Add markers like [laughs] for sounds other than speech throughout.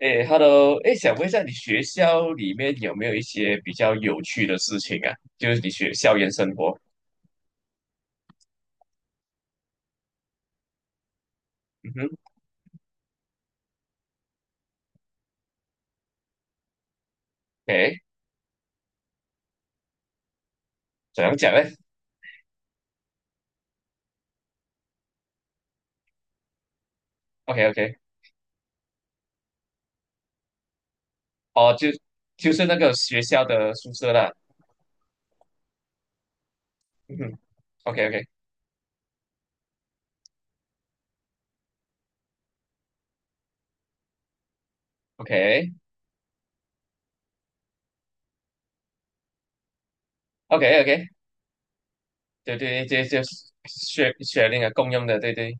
哎，Hello，哎，想问一下，你学校里面有没有一些比较有趣的事情啊？就是你学校园生活。嗯哼。哎，怎样讲呢？ o k o k 哦，就是那个学校的宿舍啦。嗯哼。 o k o k o k o k o k 对对对，就是学那个共用的，对对。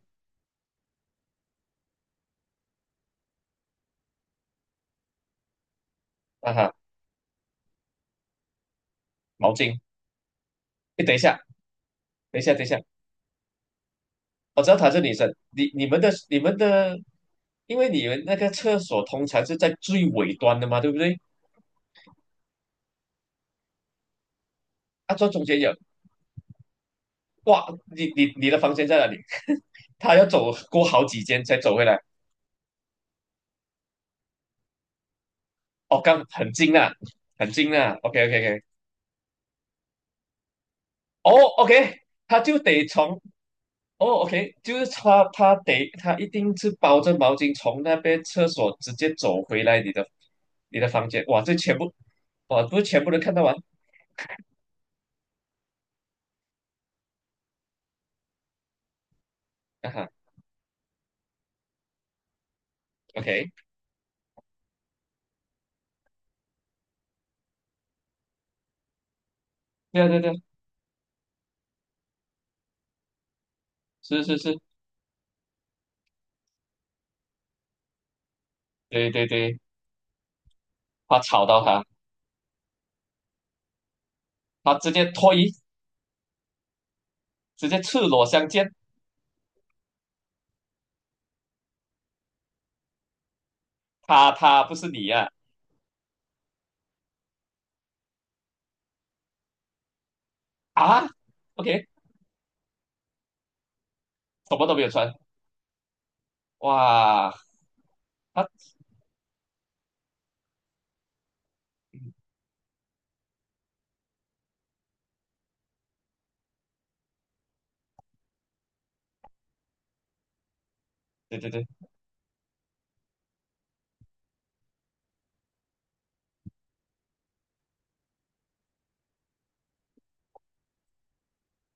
啊哈。毛巾。哎，等一下，等一下，等一下，我知道她是女生，你们的，因为你们那个厕所通常是在最尾端的嘛，对不对？啊，坐中间有。哇，你的房间在哪里？他要走过好几间才走回来。哦，刚很近啊，很近啊。OK OK OK。哦 OK，他就得从哦 OK，就是他一定是包着毛巾从那边厕所直接走回来你的你的房间。哇，这全部哇不是全部都看到完。啊哈。OK。对啊对啊对啊。是是是。对对对。怕吵到他。他直接脱衣，直接赤裸相见。他不是你呀？啊啊？OK，什么都没有穿。哇。啊，对对对。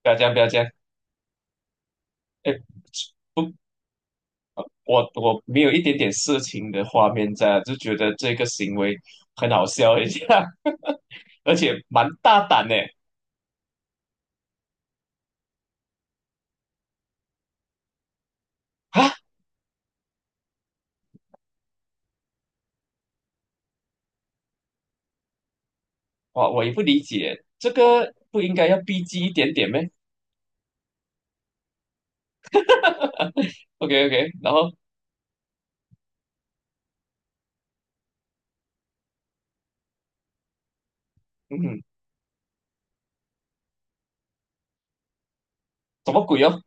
不要这样，不要这样。哎，不，我我没有一点点色情的画面在啊，就觉得这个行为很好笑一下，[laughs] 而且蛮大胆呢。啊。哇，我也不理解，这个不应该要逼近一点点咩？ o k OK，然后嗯，什么鬼哦？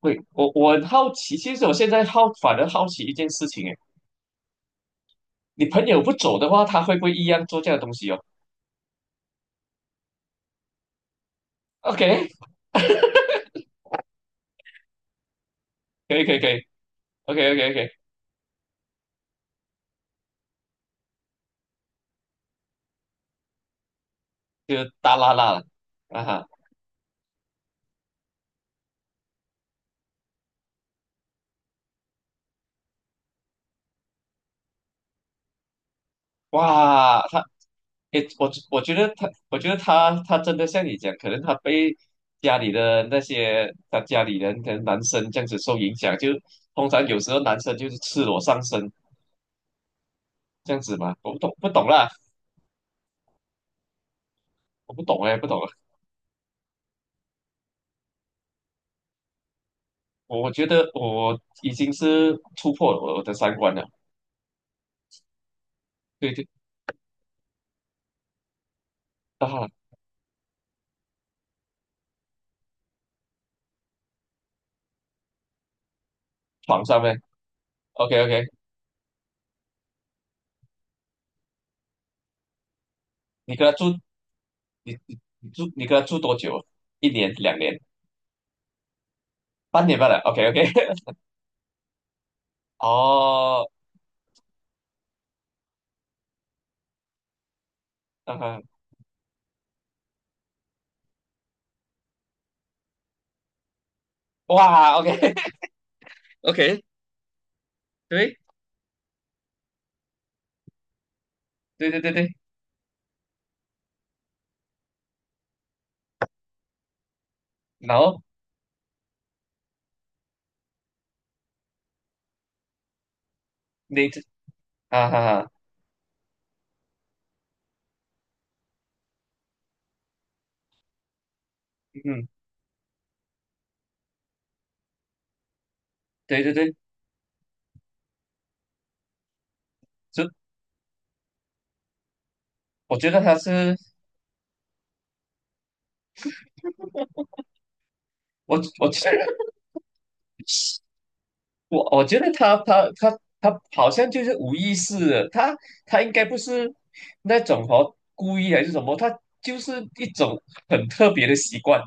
喂，我很好奇，其实我现在好反而好奇一件事情。哎，你朋友不走的话，他会不会一样做这样的东西哦？OK，可以可以可以，OK OK OK。就大拉啦了。啊哈。哇，他。诶，我我觉得他，我觉得他，他真的像你讲，可能他被家里的那些他家里人，跟男生这样子受影响，就通常有时候男生就是赤裸上身这样子嘛，我不懂不懂啦，我不懂哎，不懂了。我我觉得我已经是突破了我的三观了。对对啊。床上面。OK OK。你跟他住，你跟他住多久？一年两年，半年半了，OK OK。[laughs] 哦。嗯哼。哇，OK。 [laughs]。OK。对对对对对。然后那只。哈哈哈。嗯。对对对。就我觉得他是我觉得 [laughs] 我觉得他好像就是无意识的，他他应该不是那种哦故意还是什么，他就是一种很特别的习惯，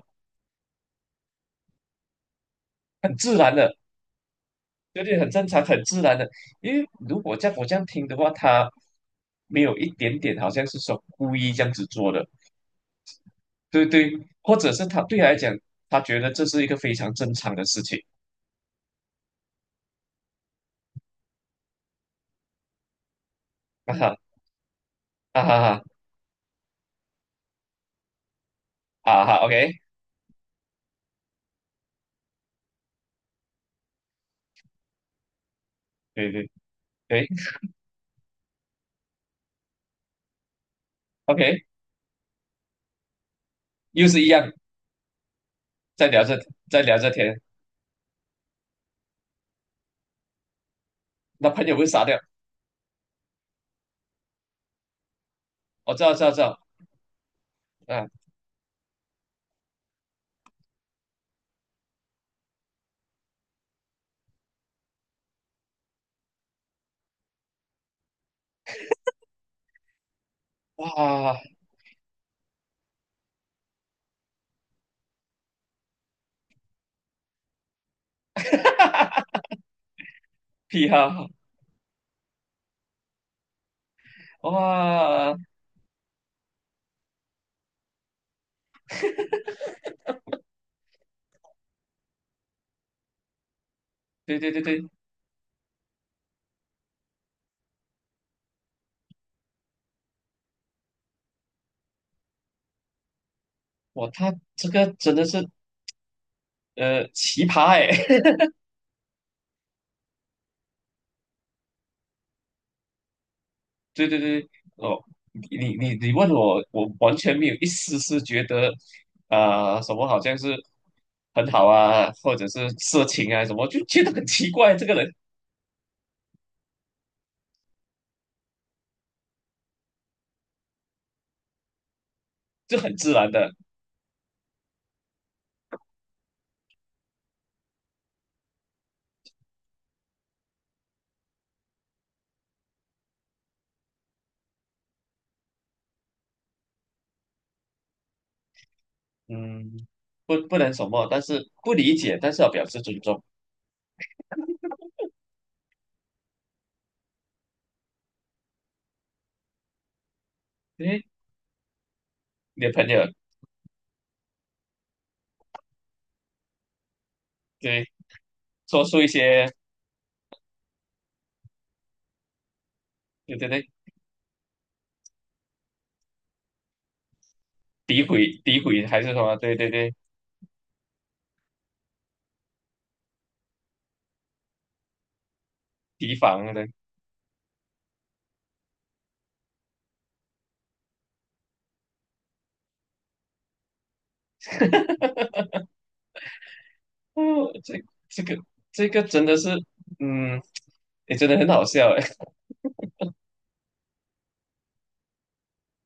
很自然的。对对？很正常很自然的，因为如果在我这样听的话，他没有一点点好像是说故意这样子做的。对对。或者是他对他来讲，他觉得这是一个非常正常的事情。啊哈。啊哈哈。啊哈，OK。对对对。OK。又是一样，在聊这在聊这天。那朋友会傻掉。我知道知道知道。啊。哇。[laughs] 哈哈癖哈。哇。对对对对。哇，他这个真的是呃奇葩哎。对对对。哦，你问我，我完全没有一丝丝觉得，啊、什么好像是很好啊，或者是色情啊什么，就觉得很奇怪，这个人就很自然的。嗯，不不能什么，但是不理解，但是要表示尊重。诶，你的朋友对说出一些对对对诋毁诋毁还是什么，对对对提防的。哦，这这个这个真的是。嗯，也真的很好笑哎。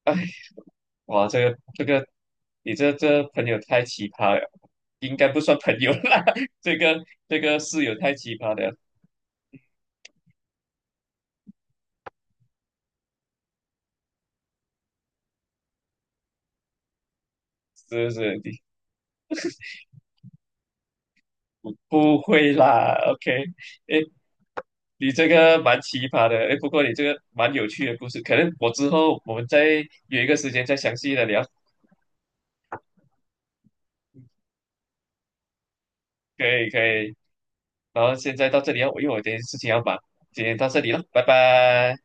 [laughs] 哇，这个这个，你这朋友太奇葩了，应该不算朋友啦。[laughs] 这个这个室友太奇葩了。是不是？你不会啦，OK？诶，你这个蛮奇葩的。诶，不过你这个蛮有趣的故事，可能我之后我们再约一个时间再详细的聊。可以可以。然后现在到这里啊，因为我有点事情要忙，今天到这里了，拜拜。